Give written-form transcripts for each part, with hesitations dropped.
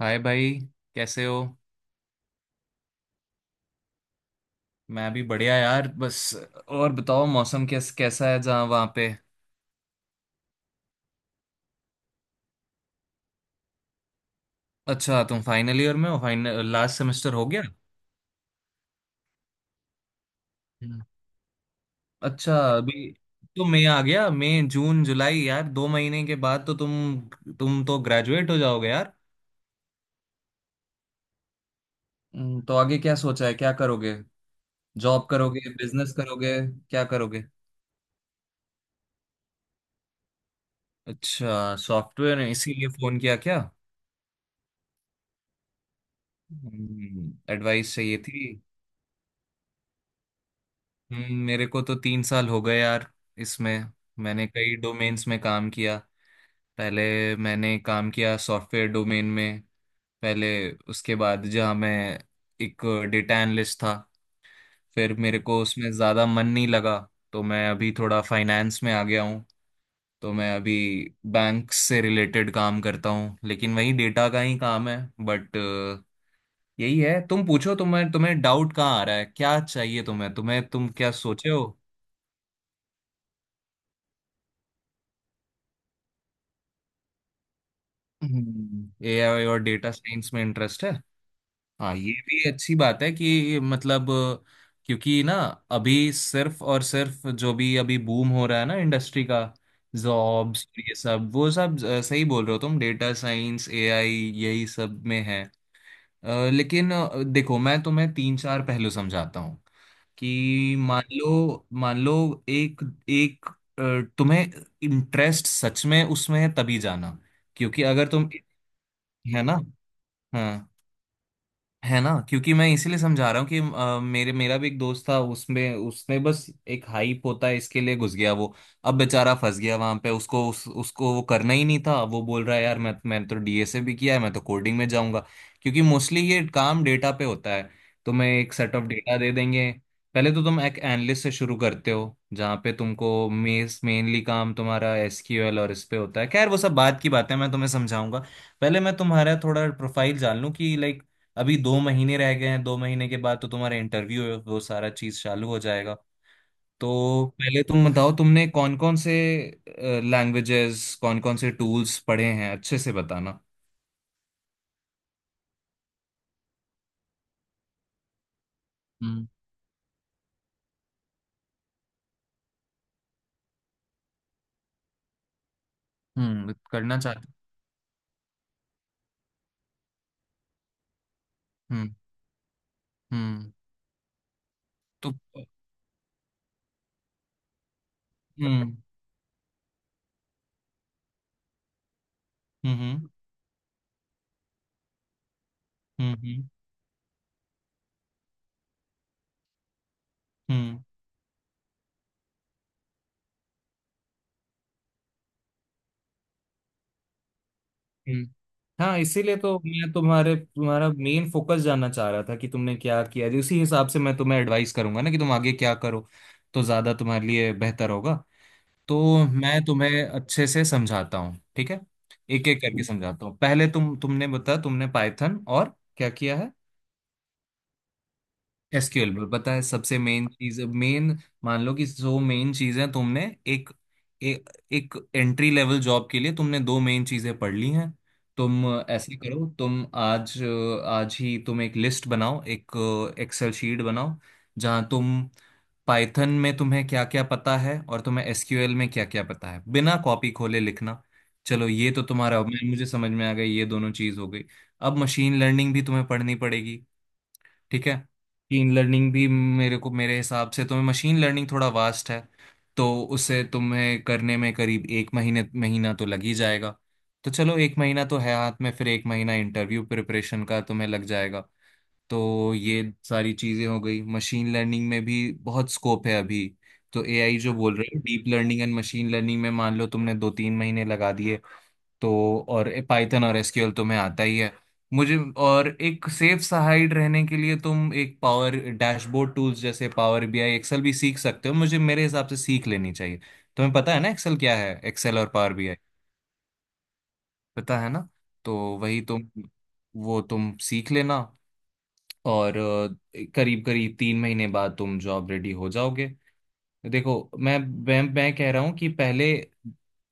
हाय भाई, कैसे हो। मैं भी बढ़िया यार, बस। और बताओ मौसम कैसा है जहाँ वहाँ पे। अच्छा, तुम फाइनल ईयर में हो। फाइनल लास्ट सेमेस्टर हो गया? हम्म। अच्छा, अभी तो मई आ गया। मई, जून, जुलाई, यार 2 महीने के बाद तो तुम तो ग्रेजुएट हो जाओगे यार। तो आगे क्या सोचा है, क्या करोगे? जॉब करोगे, बिजनेस करोगे? क्या करोगे? अच्छा, सॉफ्टवेयर। इसीलिए फोन किया क्या? एडवाइस चाहिए थी। मेरे को तो 3 साल हो गए यार, इसमें। मैंने कई डोमेन्स में काम किया पहले। मैंने काम किया सॉफ्टवेयर डोमेन में पहले। उसके बाद जहाँ मैं एक डेटा एनालिस्ट था, फिर मेरे को उसमें ज़्यादा मन नहीं लगा। तो मैं अभी थोड़ा फाइनेंस में आ गया हूँ। तो मैं अभी बैंक से रिलेटेड काम करता हूँ, लेकिन वही डेटा का ही काम है। बट यही है, तुम पूछो। तुम्हें तुम्हें डाउट कहाँ आ रहा है, क्या चाहिए तुम्हें तुम्हें? तुम क्या सोचे हो? एआई और डेटा साइंस में इंटरेस्ट है। हाँ, ये भी अच्छी बात है कि मतलब, क्योंकि ना, अभी सिर्फ और सिर्फ जो भी अभी बूम हो रहा है ना इंडस्ट्री का, जॉब्स ये सब वो सब, सही बोल रहे हो तुम। डेटा साइंस, एआई यही सब में है। लेकिन देखो, मैं तुम्हें तीन चार पहलू समझाता हूँ। कि मान लो, मान लो, एक एक अ, तुम्हें इंटरेस्ट सच में उसमें है तभी जाना, क्योंकि अगर तुम। है ना। हाँ, है ना। क्योंकि मैं इसीलिए समझा रहा हूँ कि मेरे मेरा भी एक दोस्त था। उसमें उसने बस एक हाइप होता है, इसके लिए घुस गया वो। अब बेचारा फंस गया वहां पे। उसको उसको वो करना ही नहीं था। वो बोल रहा है यार, मैंने तो डीएसए भी किया है, मैं तो कोडिंग में जाऊंगा। क्योंकि मोस्टली ये काम डेटा पे होता है। तुम्हें एक सेट ऑफ डेटा दे देंगे। पहले तो तुम एक एनालिस्ट से शुरू करते हो, जहाँ पे तुमको मेस मेनली काम तुम्हारा एसक्यूएल और इस पे होता है। खैर, वो सब बात की बात है, मैं तुम्हें समझाऊंगा। पहले मैं तुम्हारा थोड़ा प्रोफाइल जान लूं कि लाइक, अभी 2 महीने रह गए हैं। 2 महीने के बाद तो तुम्हारा इंटरव्यू है, वो सारा चीज चालू हो जाएगा। तो पहले तुम बताओ, तुमने कौन कौन से लैंग्वेजेस, कौन कौन से टूल्स पढ़े हैं, अच्छे से बताना। हम्म। हम्म। करना चाहते। हम्म। हम्म। तो। हम्म। हम्म। हम्म। हम्म। हम्म। हम्म। हाँ, इसीलिए तो मैं तुम्हारे तुम्हारा मेन फोकस जानना चाह रहा था कि तुमने क्या किया है। उसी हिसाब से मैं तुम्हें एडवाइस करूंगा ना कि तुम आगे क्या करो, तो ज्यादा तुम्हारे लिए बेहतर होगा। तो मैं तुम्हें अच्छे से समझाता हूँ, ठीक है। एक एक करके समझाता हूँ। पहले तुम, तुमने बताया तुमने पाइथन और क्या किया है। एसक्यूएल पर पता है, सबसे मेन चीज मेन। मान लो कि दो मेन चीजें तुमने, एक ए, एक एंट्री लेवल जॉब के लिए तुमने दो मेन चीजें पढ़ ली हैं। तुम ऐसे करो, तुम आज, आज ही तुम एक लिस्ट बनाओ, एक एक्सेल शीट बनाओ, जहां तुम पाइथन में तुम्हें क्या क्या पता है और तुम्हें एसक्यूएल में क्या क्या पता है, बिना कॉपी खोले लिखना। चलो, ये तो तुम्हारा, मैं मुझे समझ में आ गई, ये दोनों चीज हो गई। अब मशीन लर्निंग भी तुम्हें पढ़नी पड़ेगी, ठीक है। मशीन लर्निंग भी मेरे को मेरे हिसाब से, तुम्हें मशीन लर्निंग थोड़ा वास्ट है। तो उसे तुम्हें करने में करीब एक महीने महीना तो लग ही जाएगा। तो चलो, 1 महीना तो है हाथ में, फिर 1 महीना इंटरव्यू प्रिपरेशन का तुम्हें लग जाएगा। तो ये सारी चीज़ें हो गई। मशीन लर्निंग में भी बहुत स्कोप है अभी। तो एआई जो बोल रहे हैं, deep learning and machine learning में मान लो तुमने 2-3 महीने लगा दिए। तो, और पाइथन और एसक्यूएल तुम्हें आता ही है मुझे। और एक सेफ साइड रहने के लिए तुम एक पावर डैशबोर्ड टूल्स जैसे पावर बीआई, एक्सेल भी सीख सकते हो। मुझे मेरे हिसाब से सीख लेनी चाहिए। तुम्हें पता है ना एक्सेल क्या है? एक्सेल और पावर बीआई पता है ना? तो वही तुम, वो तुम सीख लेना। और करीब करीब 3 महीने बाद तुम जॉब रेडी हो जाओगे। देखो, मैं कह रहा हूं कि पहले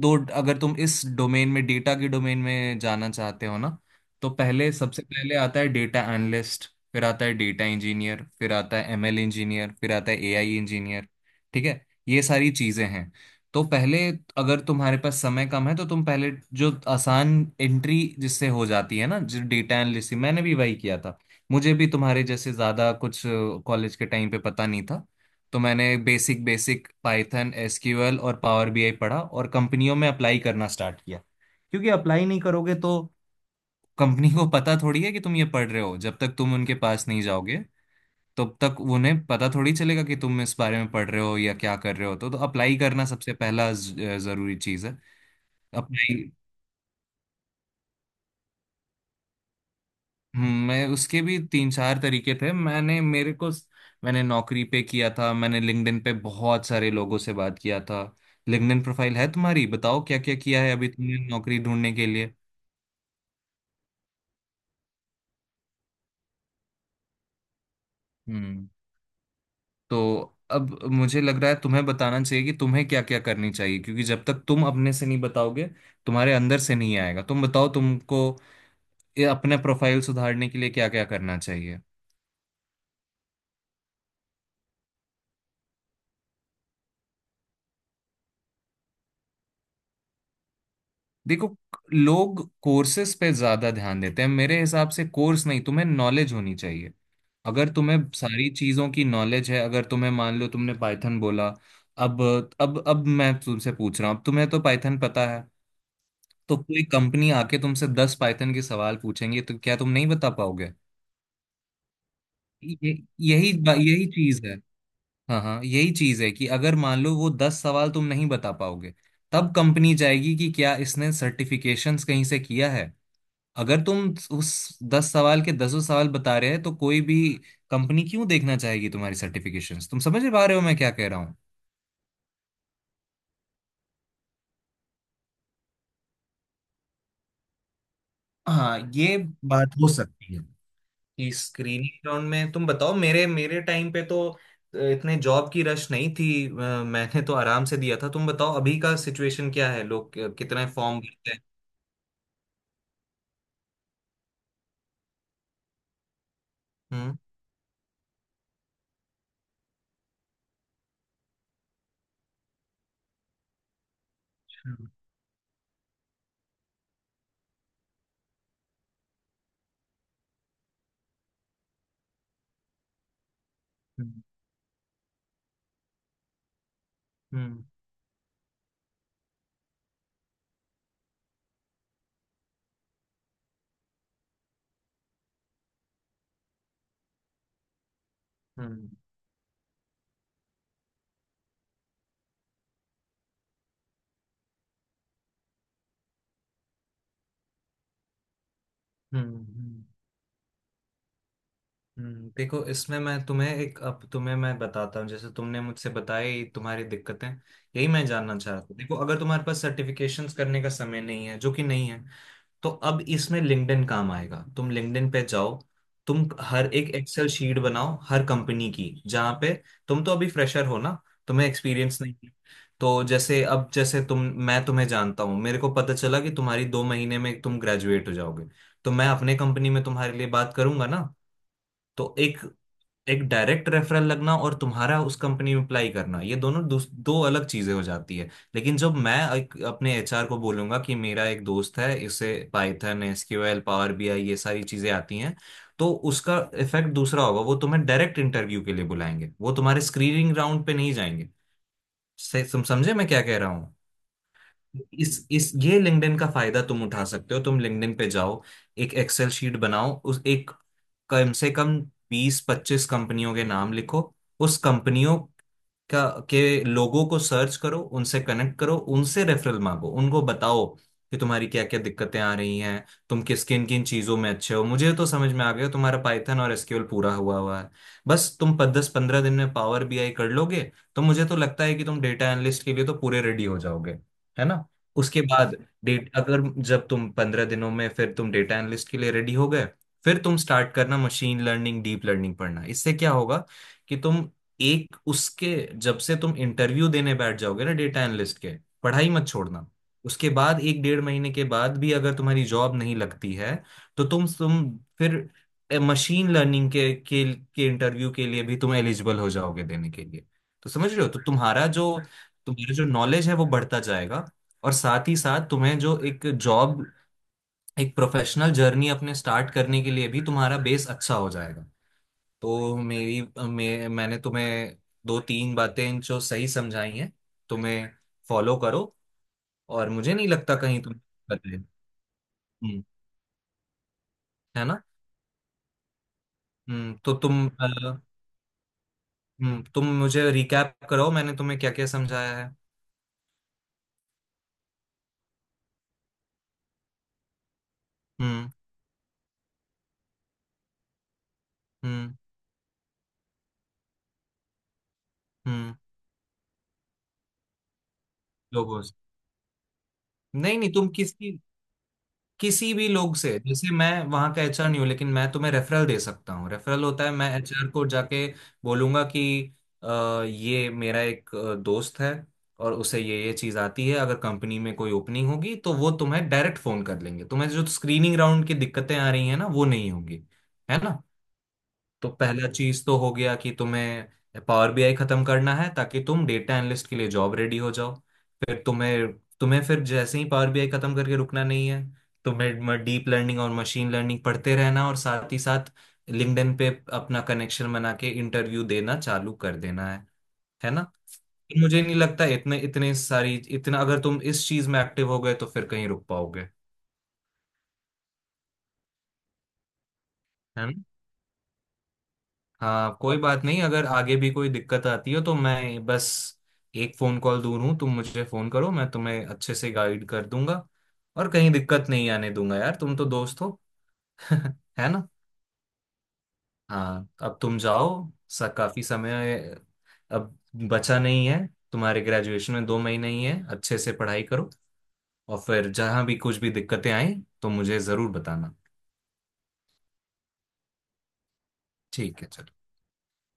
दो, अगर तुम इस डोमेन में, डेटा के डोमेन में जाना चाहते हो ना, तो पहले, सबसे पहले आता है डेटा एनालिस्ट, फिर आता है डेटा इंजीनियर, फिर आता है एमएल इंजीनियर, फिर आता है एआई इंजीनियर। ठीक है, ये सारी चीजें हैं। तो पहले, अगर तुम्हारे पास समय कम है, तो तुम पहले जो आसान एंट्री जिससे हो जाती है ना, जो डेटा एनालिस्ट, मैंने भी वही किया था। मुझे भी तुम्हारे जैसे ज्यादा कुछ कॉलेज के टाइम पे पता नहीं था। तो मैंने बेसिक बेसिक पाइथन, एसक्यूएल और पावर बीआई पढ़ा और कंपनियों में अप्लाई करना स्टार्ट किया। क्योंकि अप्लाई नहीं करोगे तो कंपनी को पता थोड़ी है कि तुम ये पढ़ रहे हो, जब तक तुम उनके पास नहीं जाओगे तब तक उन्हें पता थोड़ी चलेगा कि तुम इस बारे में पढ़ रहे हो या क्या कर रहे हो। तो अप्लाई करना सबसे पहला जरूरी चीज़ है। अप्लाई, मैं उसके भी तीन चार तरीके थे। मैंने मेरे को मैंने नौकरी पे किया था, मैंने लिंक्डइन पे बहुत सारे लोगों से बात किया था। लिंक्डइन प्रोफाइल है तुम्हारी? बताओ क्या क्या किया है अभी तुमने नौकरी ढूंढने के लिए। हम्म। तो अब मुझे लग रहा है तुम्हें बताना चाहिए कि तुम्हें क्या क्या करनी चाहिए, क्योंकि जब तक तुम अपने से नहीं बताओगे, तुम्हारे अंदर से नहीं आएगा। तुम बताओ तुमको ये अपना प्रोफाइल सुधारने के लिए क्या क्या करना चाहिए। देखो, लोग कोर्सेस पे ज्यादा ध्यान देते हैं, मेरे हिसाब से कोर्स नहीं, तुम्हें नॉलेज होनी चाहिए। अगर तुम्हें सारी चीजों की नॉलेज है, अगर तुम्हें, मान लो तुमने पाइथन बोला। अब अब मैं तुमसे पूछ रहा हूँ, अब तुम्हें तो पाइथन पता है। तो कोई कंपनी आके तुमसे दस पाइथन के सवाल पूछेंगे, तो क्या तुम नहीं बता पाओगे? ये यही चीज है। हाँ हाँ, यही चीज है कि अगर मान लो वो दस सवाल तुम नहीं बता पाओगे, तब कंपनी जाएगी कि क्या इसने सर्टिफिकेशंस कहीं से किया है। अगर तुम उस दस सवाल के दसों सवाल बता रहे हैं, तो कोई भी कंपनी क्यों देखना चाहेगी तुम्हारी सर्टिफिकेशंस? तुम समझ पा रहे हो मैं क्या कह रहा हूँ? हाँ, ये बात हो सकती है कि स्क्रीनिंग राउंड में, तुम बताओ, मेरे मेरे टाइम पे तो इतने जॉब की रश नहीं थी। मैंने तो आराम से दिया था। तुम बताओ अभी का सिचुएशन क्या है, लोग कितने फॉर्म भरते हैं? हम्म। हम्म। हम्म। हम्म। हम्म। हम्म। हम्म। हम्म। देखो, इसमें मैं तुम्हें एक, अब तुम्हें मैं बताता हूँ, जैसे तुमने मुझसे बताई तुम्हारी दिक्कतें, यही मैं जानना चाह रहा था। देखो, अगर तुम्हारे पास सर्टिफिकेशंस करने का समय नहीं है, जो कि नहीं है, तो अब इसमें लिंक्डइन काम आएगा। तुम लिंक्डइन पे जाओ, तुम हर एक एक्सेल शीट बनाओ हर कंपनी की, जहाँ पे, तुम तो अभी फ्रेशर हो ना, तुम्हें एक्सपीरियंस नहीं है। तो जैसे अब, जैसे तुम, मैं तुम्हें जानता हूँ, मेरे को पता चला कि तुम्हारी दो महीने में तुम ग्रेजुएट हो जाओगे, तो मैं अपने कंपनी में तुम्हारे लिए बात करूंगा ना। तो एक, एक डायरेक्ट रेफरल लगना और तुम्हारा उस कंपनी में अप्लाई करना, ये दोनों दो अलग चीजें हो जाती है। लेकिन जब मैं एक, अपने एचआर को बोलूंगा कि मेरा एक दोस्त है, इसे पाइथन, एसक्यूएल, पावर बीआई ये सारी चीजें आती हैं, तो उसका इफेक्ट दूसरा होगा। वो तुम्हें डायरेक्ट इंटरव्यू के लिए बुलाएंगे, वो तुम्हारे स्क्रीनिंग राउंड पे नहीं जाएंगे तुम समझे मैं क्या कह रहा हूँ? इस ये लिंक्डइन का फायदा तुम उठा सकते हो। तुम लिंक्डइन पे जाओ, एक एक्सेल शीट बनाओ, उस एक, कम से कम 20-25 कंपनियों के नाम लिखो, उस कंपनियों का के लोगों को सर्च करो, उनसे कनेक्ट करो, उनसे रेफरल मांगो, उनको बताओ कि तुम्हारी क्या क्या दिक्कतें आ रही हैं, तुम किस किन किन चीजों में अच्छे हो। मुझे तो समझ में आ गया, तुम्हारा पाइथन और एसक्यूएल पूरा हुआ हुआ है। बस तुम 10-15 दिन में पावर बीआई कर लोगे, तो मुझे तो लगता है कि तुम डेटा एनालिस्ट के लिए तो पूरे रेडी हो जाओगे। है ना। उसके बाद, डेट, अगर जब तुम 15 दिनों में फिर तुम डेटा एनालिस्ट के लिए रेडी हो गए, फिर तुम स्टार्ट करना मशीन लर्निंग, डीप लर्निंग पढ़ना। इससे क्या होगा, कि तुम एक उसके, जब से तुम इंटरव्यू देने बैठ जाओगे ना डेटा एनालिस्ट के, पढ़ाई मत छोड़ना। उसके बाद एक 1.5 महीने के बाद भी अगर तुम्हारी जॉब नहीं लगती है, तो तुम फिर मशीन लर्निंग के इंटरव्यू के लिए भी तुम एलिजिबल हो जाओगे देने के लिए। तो समझ रहे हो, तो तुम्हारा जो, तुम्हारा जो नॉलेज है, वो बढ़ता जाएगा। और साथ ही साथ तुम्हें जो एक जॉब, एक प्रोफेशनल जर्नी अपने स्टार्ट करने के लिए भी तुम्हारा बेस अच्छा हो जाएगा। तो मेरी, मैंने तुम्हें दो तीन बातें जो सही समझाई हैं तुम्हें, फॉलो करो। और मुझे नहीं लगता कहीं तुम बदले। हम्म। है ना। तो तुम हम्म, तुम मुझे रिकैप कराओ मैंने तुम्हें क्या क्या समझाया है। हम्म। हम्म। हम्म। लोगों से। नहीं नहीं, तुम किसकी, किसी भी लोग से। जैसे मैं वहाँ का एचआर नहीं हूँ, लेकिन मैं तुम्हें रेफरल दे सकता हूँ। रेफरल होता है मैं एचआर को जाके बोलूंगा कि ये मेरा एक दोस्त है, और उसे ये चीज़ आती है। अगर कंपनी में कोई ओपनिंग होगी तो वो तुम्हें डायरेक्ट फोन कर लेंगे, तुम्हें जो स्क्रीनिंग राउंड की दिक्कतें आ रही हैं ना, वो नहीं होंगी। है ना। तो पहला चीज तो हो गया कि तुम्हें पावर बीआई खत्म करना है, ताकि तुम डेटा एनालिस्ट के लिए जॉब रेडी हो जाओ। फिर तुम्हें, तुम्हें फिर जैसे ही पावर बीआई खत्म करके रुकना नहीं है, तुम्हें डीप लर्निंग और मशीन लर्निंग पढ़ते रहना, और साथ ही साथ लिंक्डइन पे अपना कनेक्शन बना के इंटरव्यू देना चालू कर देना है। है ना। मुझे नहीं लगता इतने इतने सारी, इतना अगर तुम इस चीज में एक्टिव हो गए, तो फिर कहीं रुक पाओगे है ना। हाँ, कोई बात नहीं, अगर आगे भी कोई दिक्कत आती हो, तो मैं बस एक फोन कॉल दूर हूँ। तुम मुझे फोन करो, मैं तुम्हें अच्छे से गाइड कर दूंगा, और कहीं दिक्कत नहीं आने दूंगा यार। तुम तो दोस्त हो। है ना। हाँ, अब तुम जाओ, सा काफी समय अब बचा नहीं है, तुम्हारे ग्रेजुएशन में 2 महीने ही है। अच्छे से पढ़ाई करो, और फिर जहाँ भी कुछ भी दिक्कतें आए, तो मुझे जरूर बताना। ठीक है, चलो।